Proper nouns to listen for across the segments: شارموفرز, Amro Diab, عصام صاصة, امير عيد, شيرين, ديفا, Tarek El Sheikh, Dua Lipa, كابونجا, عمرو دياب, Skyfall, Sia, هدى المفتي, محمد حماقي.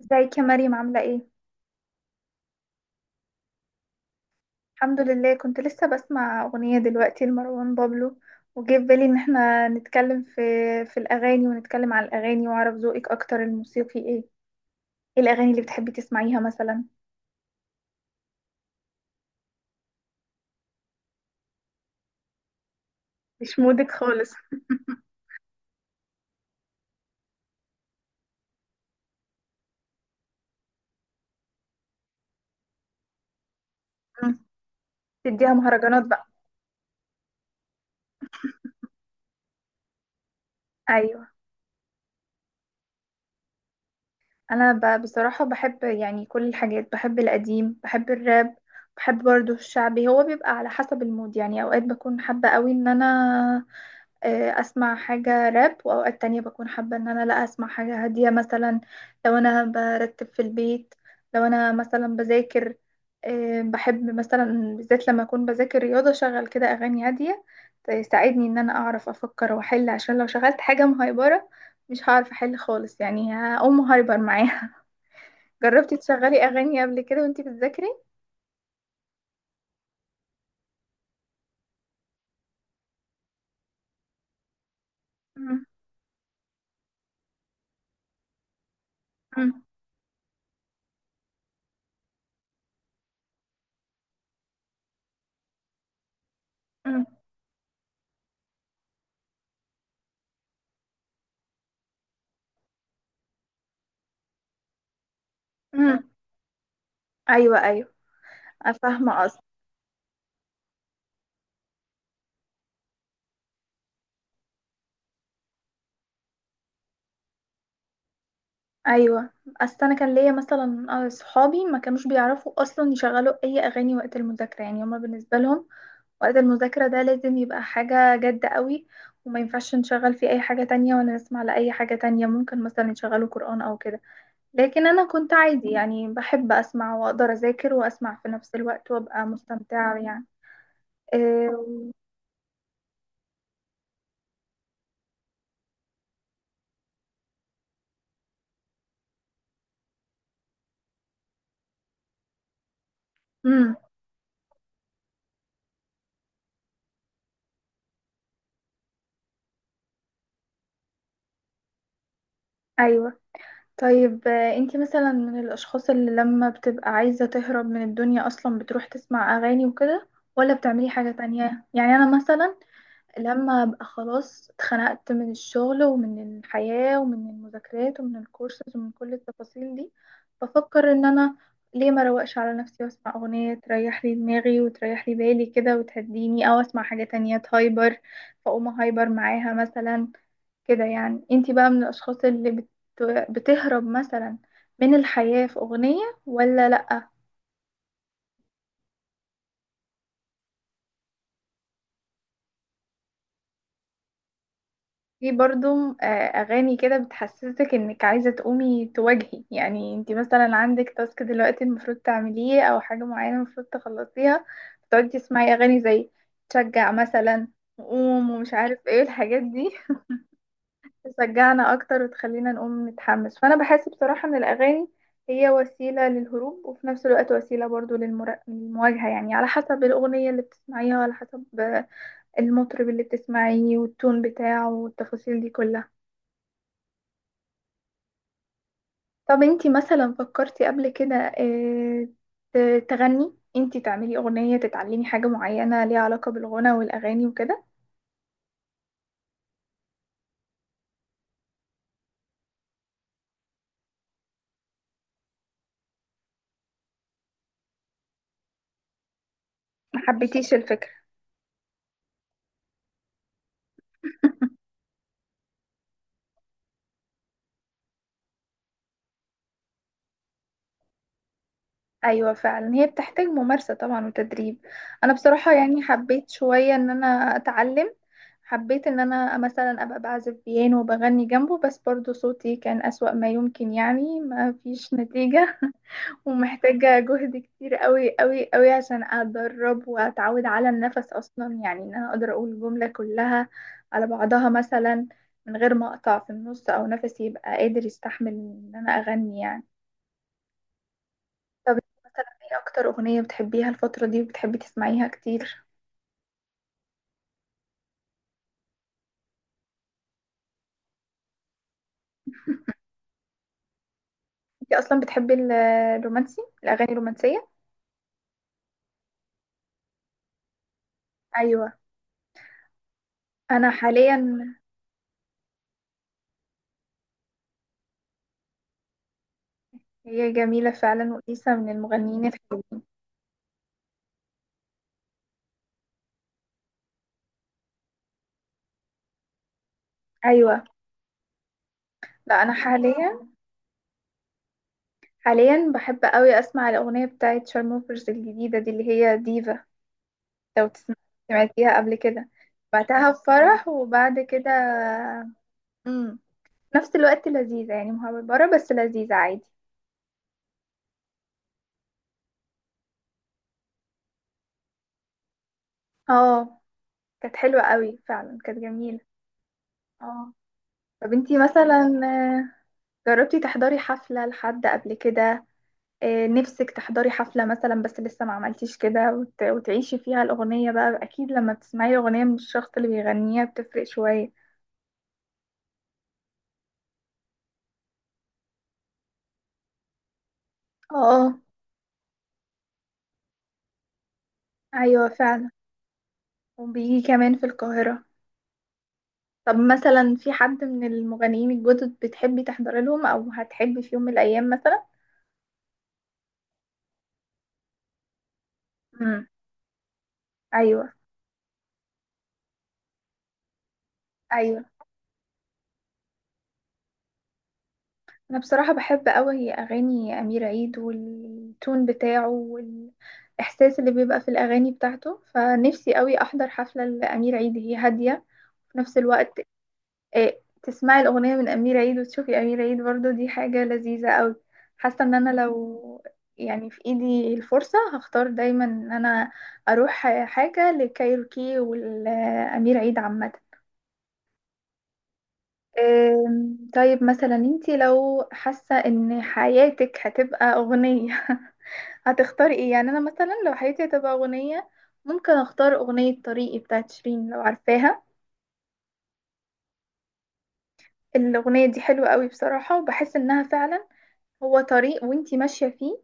ازيك يا مريم عاملة ايه؟ الحمد لله، كنت لسه بسمع أغنية دلوقتي لمروان بابلو. وجه في بالي ان احنا نتكلم في الأغاني ونتكلم على الأغاني، واعرف ذوقك أكتر. الموسيقي ايه؟ ايه الأغاني اللي بتحبي تسمعيها مثلا؟ مش مودك خالص. مم. تديها مهرجانات بقى. أيوه. أنا بصراحة بحب يعني كل الحاجات، بحب القديم، بحب الراب، بحب برضه الشعبي. هو بيبقى على حسب المود يعني. أوقات بكون حابة قوي ان انا اسمع حاجة راب، واوقات تانية بكون حابة ان انا لا اسمع حاجة هادية مثلا، لو انا برتب في البيت، لو انا مثلا بذاكر. بحب مثلا بالذات لما اكون بذاكر رياضة شغل كده اغاني هادية تساعدني ان انا اعرف افكر واحل، عشان لو شغلت حاجة مهيبرة مش هعرف احل خالص. يعني هقوم هايبر معاها. جربتي تشغلي اغاني قبل كده وانتي بتذاكري؟ مم، مم، مم، مم. ايوه، ايوه، فاهمة قصدك. ايوه، اصل انا كان ليا مثلا صحابي ما كانوش بيعرفوا اصلا يشغلوا اي اغاني وقت المذاكره. يعني هما بالنسبه لهم وقت المذاكره ده لازم يبقى حاجه جد قوي، وما ينفعش نشغل فيه اي حاجه تانية ولا نسمع لاي حاجه تانية. ممكن مثلا يشغلوا قران او كده، لكن انا كنت عادي يعني، بحب اسمع واقدر اذاكر واسمع في نفس الوقت وابقى مستمتعه يعني. امم. ايوه. طيب انتي مثلا من الاشخاص اللي لما بتبقى عايزة تهرب من الدنيا اصلا بتروح تسمع اغاني وكده، ولا بتعملي حاجة تانية؟ يعني انا مثلا لما ابقى خلاص اتخنقت من الشغل ومن الحياة ومن المذاكرات ومن الكورسز ومن كل التفاصيل دي، بفكر ان انا ليه ما روقش على نفسي واسمع اغنية تريح لي دماغي وتريح لي بالي كده وتهديني، او اسمع حاجة تانية تهايبر فاقوم هايبر معاها مثلا. كده يعني انتي بقى من الاشخاص اللي بتهرب مثلا من الحياة في اغنية ولا لا؟ في برضو اغاني كده بتحسسك انك عايزة تقومي تواجهي. يعني انتي مثلا عندك تاسك دلوقتي المفروض تعمليه او حاجة معينة المفروض تخلصيها، بتقعدي تسمعي اغاني زي تشجع مثلا، وقوم، ومش عارف ايه الحاجات دي. تشجعنا اكتر وتخلينا نقوم نتحمس. فانا بحس بصراحة ان الاغاني هي وسيلة للهروب وفي نفس الوقت وسيلة برضو للمواجهة، يعني على حسب الاغنية اللي بتسمعيها وعلى حسب المطرب اللي بتسمعيه والتون بتاعه والتفاصيل دي كلها. طب انتي مثلا فكرتي قبل كده تغني؟ انتي تعملي اغنية، تتعلمي حاجة معينة ليها علاقة بالغنى والاغاني وكده؟ ما حبيتيش الفكرة. ايوه فعلا، هي بتحتاج ممارسه طبعا وتدريب. انا بصراحه يعني حبيت شويه ان انا اتعلم، حبيت ان انا مثلا ابقى بعزف بيانو وبغني جنبه، بس برضو صوتي كان اسوأ ما يمكن يعني ما فيش نتيجه. ومحتاجه جهد كتير قوي قوي قوي عشان اتدرب واتعود على النفس اصلا، يعني ان انا اقدر اقول الجمله كلها على بعضها مثلا من غير ما اقطع في النص، او نفسي يبقى قادر يستحمل ان انا اغني يعني. طب مثلا ايه اكتر اغنية بتحبيها الفترة دي وبتحبي تسمعيها كتير؟ انت اصلا بتحبي الرومانسي، الاغاني الرومانسية؟ ايوه. انا حاليا. هي جميلة فعلا، وإليسا من المغنيين الحلوين. ايوه. لا انا حاليا بحب قوي اسمع الاغنية بتاعت شارموفرز الجديدة دي اللي هي ديفا. لو تسمع. سمعتيها قبل كده؟ بعتها في فرح وبعد كده. امم. نفس الوقت لذيذة يعني مهبرة بس لذيذة عادي. اه، كانت حلوة قوي فعلا، كانت جميلة. اه. طب انتي مثلا جربتي تحضري حفلة لحد قبل كده؟ نفسك تحضري حفلة مثلا بس لسه ما عملتيش كده، وتعيشي فيها الأغنية بقى؟ أكيد لما بتسمعي أغنية من الشخص اللي بيغنيها بتفرق شوية. اه. أيوة فعلا. وبيجي كمان في القاهرة. طب مثلا في حد من المغنيين الجدد بتحبي تحضري لهم، أو هتحبي في يوم من الأيام مثلا؟ امم. أيوة، أيوة. انا بصراحة بحب قوي اغاني امير عيد والتون بتاعه والاحساس اللي بيبقى في الاغاني بتاعته، فنفسي قوي احضر حفلة لامير عيد. هي هادية في نفس الوقت، آه، تسمعي الاغنية من امير عيد وتشوفي امير عيد برضو، دي حاجة لذيذة قوي. حاسة ان انا لو يعني في ايدي الفرصة هختار دايما ان انا اروح حاجة لكايروكي والامير عيد عامة. طيب مثلا انتي لو حاسة ان حياتك هتبقى اغنية، هتختاري ايه؟ يعني انا مثلا لو حياتي هتبقى اغنية ممكن اختار اغنية طريقي بتاعت شيرين، لو عارفاها. الاغنية دي حلوة قوي بصراحة، وبحس انها فعلا هو طريق وانتي ماشية فيه.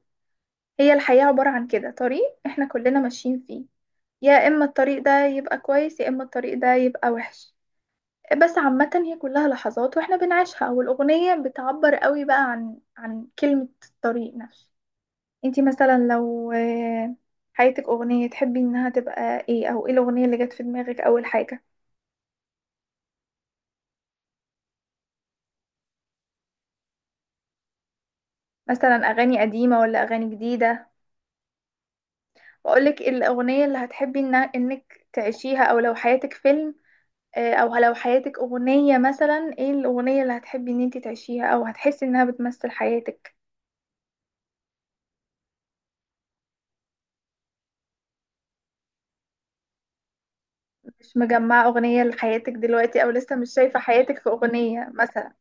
هي الحياة عبارة عن كده، طريق احنا كلنا ماشيين فيه. يا اما الطريق ده يبقى كويس يا اما الطريق ده يبقى وحش، بس عامة هي كلها لحظات واحنا بنعيشها، والأغنية بتعبر قوي بقى عن كلمة الطريق نفسه. انتي مثلا لو حياتك أغنية تحبي انها تبقى ايه، او ايه الأغنية اللي جت في دماغك أول حاجة؟ مثلا أغاني قديمة ولا أغاني جديدة؟ وأقولك الأغنية اللي هتحبي إنها انك تعيشيها، او لو حياتك فيلم، او لو حياتك أغنية مثلا ايه الأغنية اللي هتحبي ان انتي تعيشيها او هتحسي انها بتمثل حياتك؟ مش مجمعة أغنية لحياتك دلوقتي، أو لسه مش شايفة حياتك في أغنية مثلا؟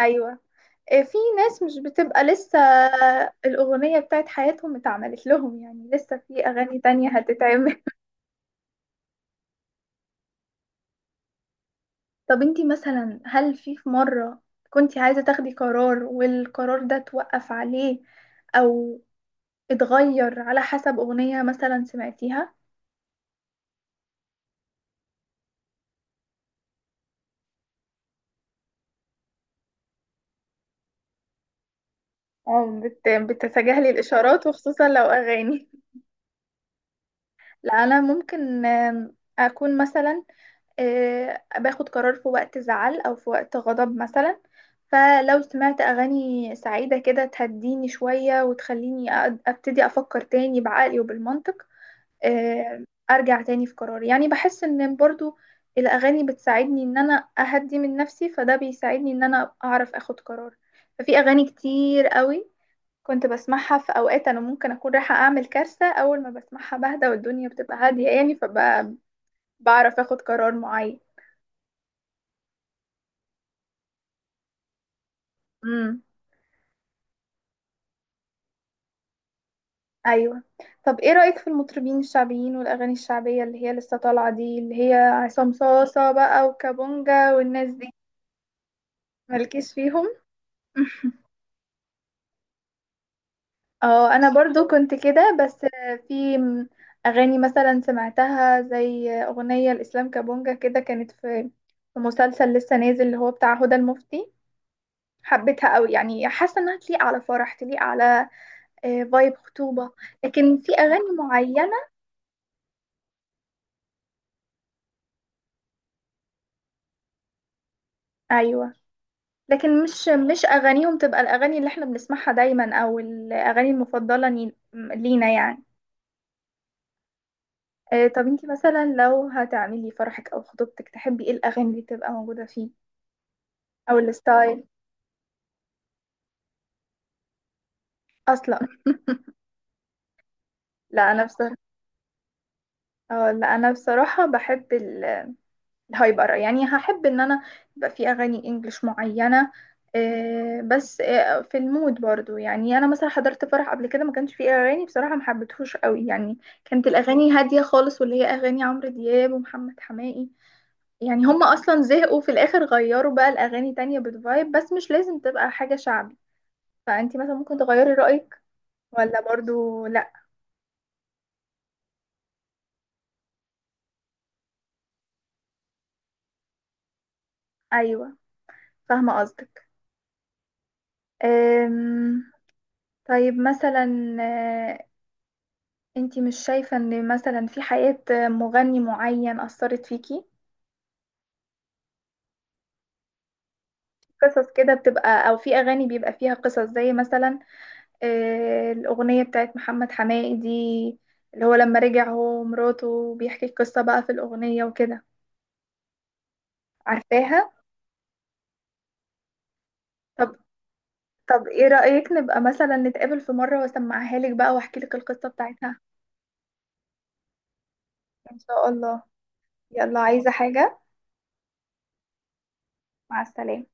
أيوة. إيه، في ناس مش بتبقى لسه الأغنية بتاعت حياتهم اتعملت لهم، يعني لسه في أغاني تانية هتتعمل. طب انتي مثلا هل في مرة كنتي عايزة تاخدي قرار والقرار ده توقف عليه، أو اتغير على حسب أغنية مثلا سمعتيها؟ اه بتتجاهلي الإشارات، وخصوصا لو أغاني؟ لا أنا ممكن أكون مثلا باخد قرار في وقت زعل او في وقت غضب مثلا، فلو سمعت اغاني سعيدة كده تهديني شوية وتخليني ابتدي افكر تاني بعقلي وبالمنطق، آه، ارجع تاني في قراري. يعني بحس ان برضو الاغاني بتساعدني ان انا اهدي من نفسي، فده بيساعدني ان انا اعرف اخد قرار. ففي اغاني كتير قوي كنت بسمعها في اوقات انا ممكن اكون رايحة اعمل كارثة، اول ما بسمعها بهدى والدنيا بتبقى هادية يعني، فبعرف اخد قرار معين. مم. ايوه. طب ايه رأيك في المطربين الشعبيين والاغاني الشعبية اللي هي لسه طالعة دي، اللي هي عصام صاصة بقى وكابونجا والناس دي؟ مالكيش فيهم؟ اه انا برضو كنت كده، بس في اغاني مثلا سمعتها زي اغنية الاسلام كابونجا كده، كانت في مسلسل لسه نازل اللي هو بتاع هدى المفتي. حبيتها قوي، يعني حاسه انها تليق على فرح، تليق على فايب خطوبه. لكن في اغاني معينه. ايوه. لكن مش اغانيهم تبقى الاغاني اللي احنا بنسمعها دايما او الاغاني المفضله لينا يعني. طب انتي مثلا لو هتعملي فرحك او خطوبتك تحبي ايه الاغاني اللي تبقى موجوده فيه، او الستايل اصلا؟ لا انا بصراحه، اه لا انا بصراحه بحب، هيبقى رأي. يعني هحب ان انا يبقى في اغاني انجليش معينة، بس في المود برضو. يعني انا مثلا حضرت فرح قبل كده ما كانش فيه اغاني بصراحة ما حبيتهوش قوي يعني، كانت الاغاني هادية خالص واللي هي اغاني عمرو دياب ومحمد حماقي، يعني هما اصلا زهقوا في الاخر غيروا بقى الاغاني تانية بتفايب، بس مش لازم تبقى حاجة شعبي. فانتي مثلا ممكن تغيري رأيك ولا برضو لا؟ ايوه فاهمة قصدك. أم، طيب مثلا انتي مش شايفة ان مثلا في حياة مغني معين أثرت فيكي؟ قصص كده بتبقى، او في اغاني بيبقى فيها قصص زي مثلا الاغنية بتاعت محمد حماقي دي اللي هو لما رجع هو ومراته بيحكي القصة بقى في الاغنية وكده. عارفاها؟ طب طب ايه رأيك نبقى مثلا نتقابل في مرة واسمعها لك بقى واحكي لك القصة بتاعتها؟ ان شاء الله. يلا، عايزة حاجة؟ مع السلامة.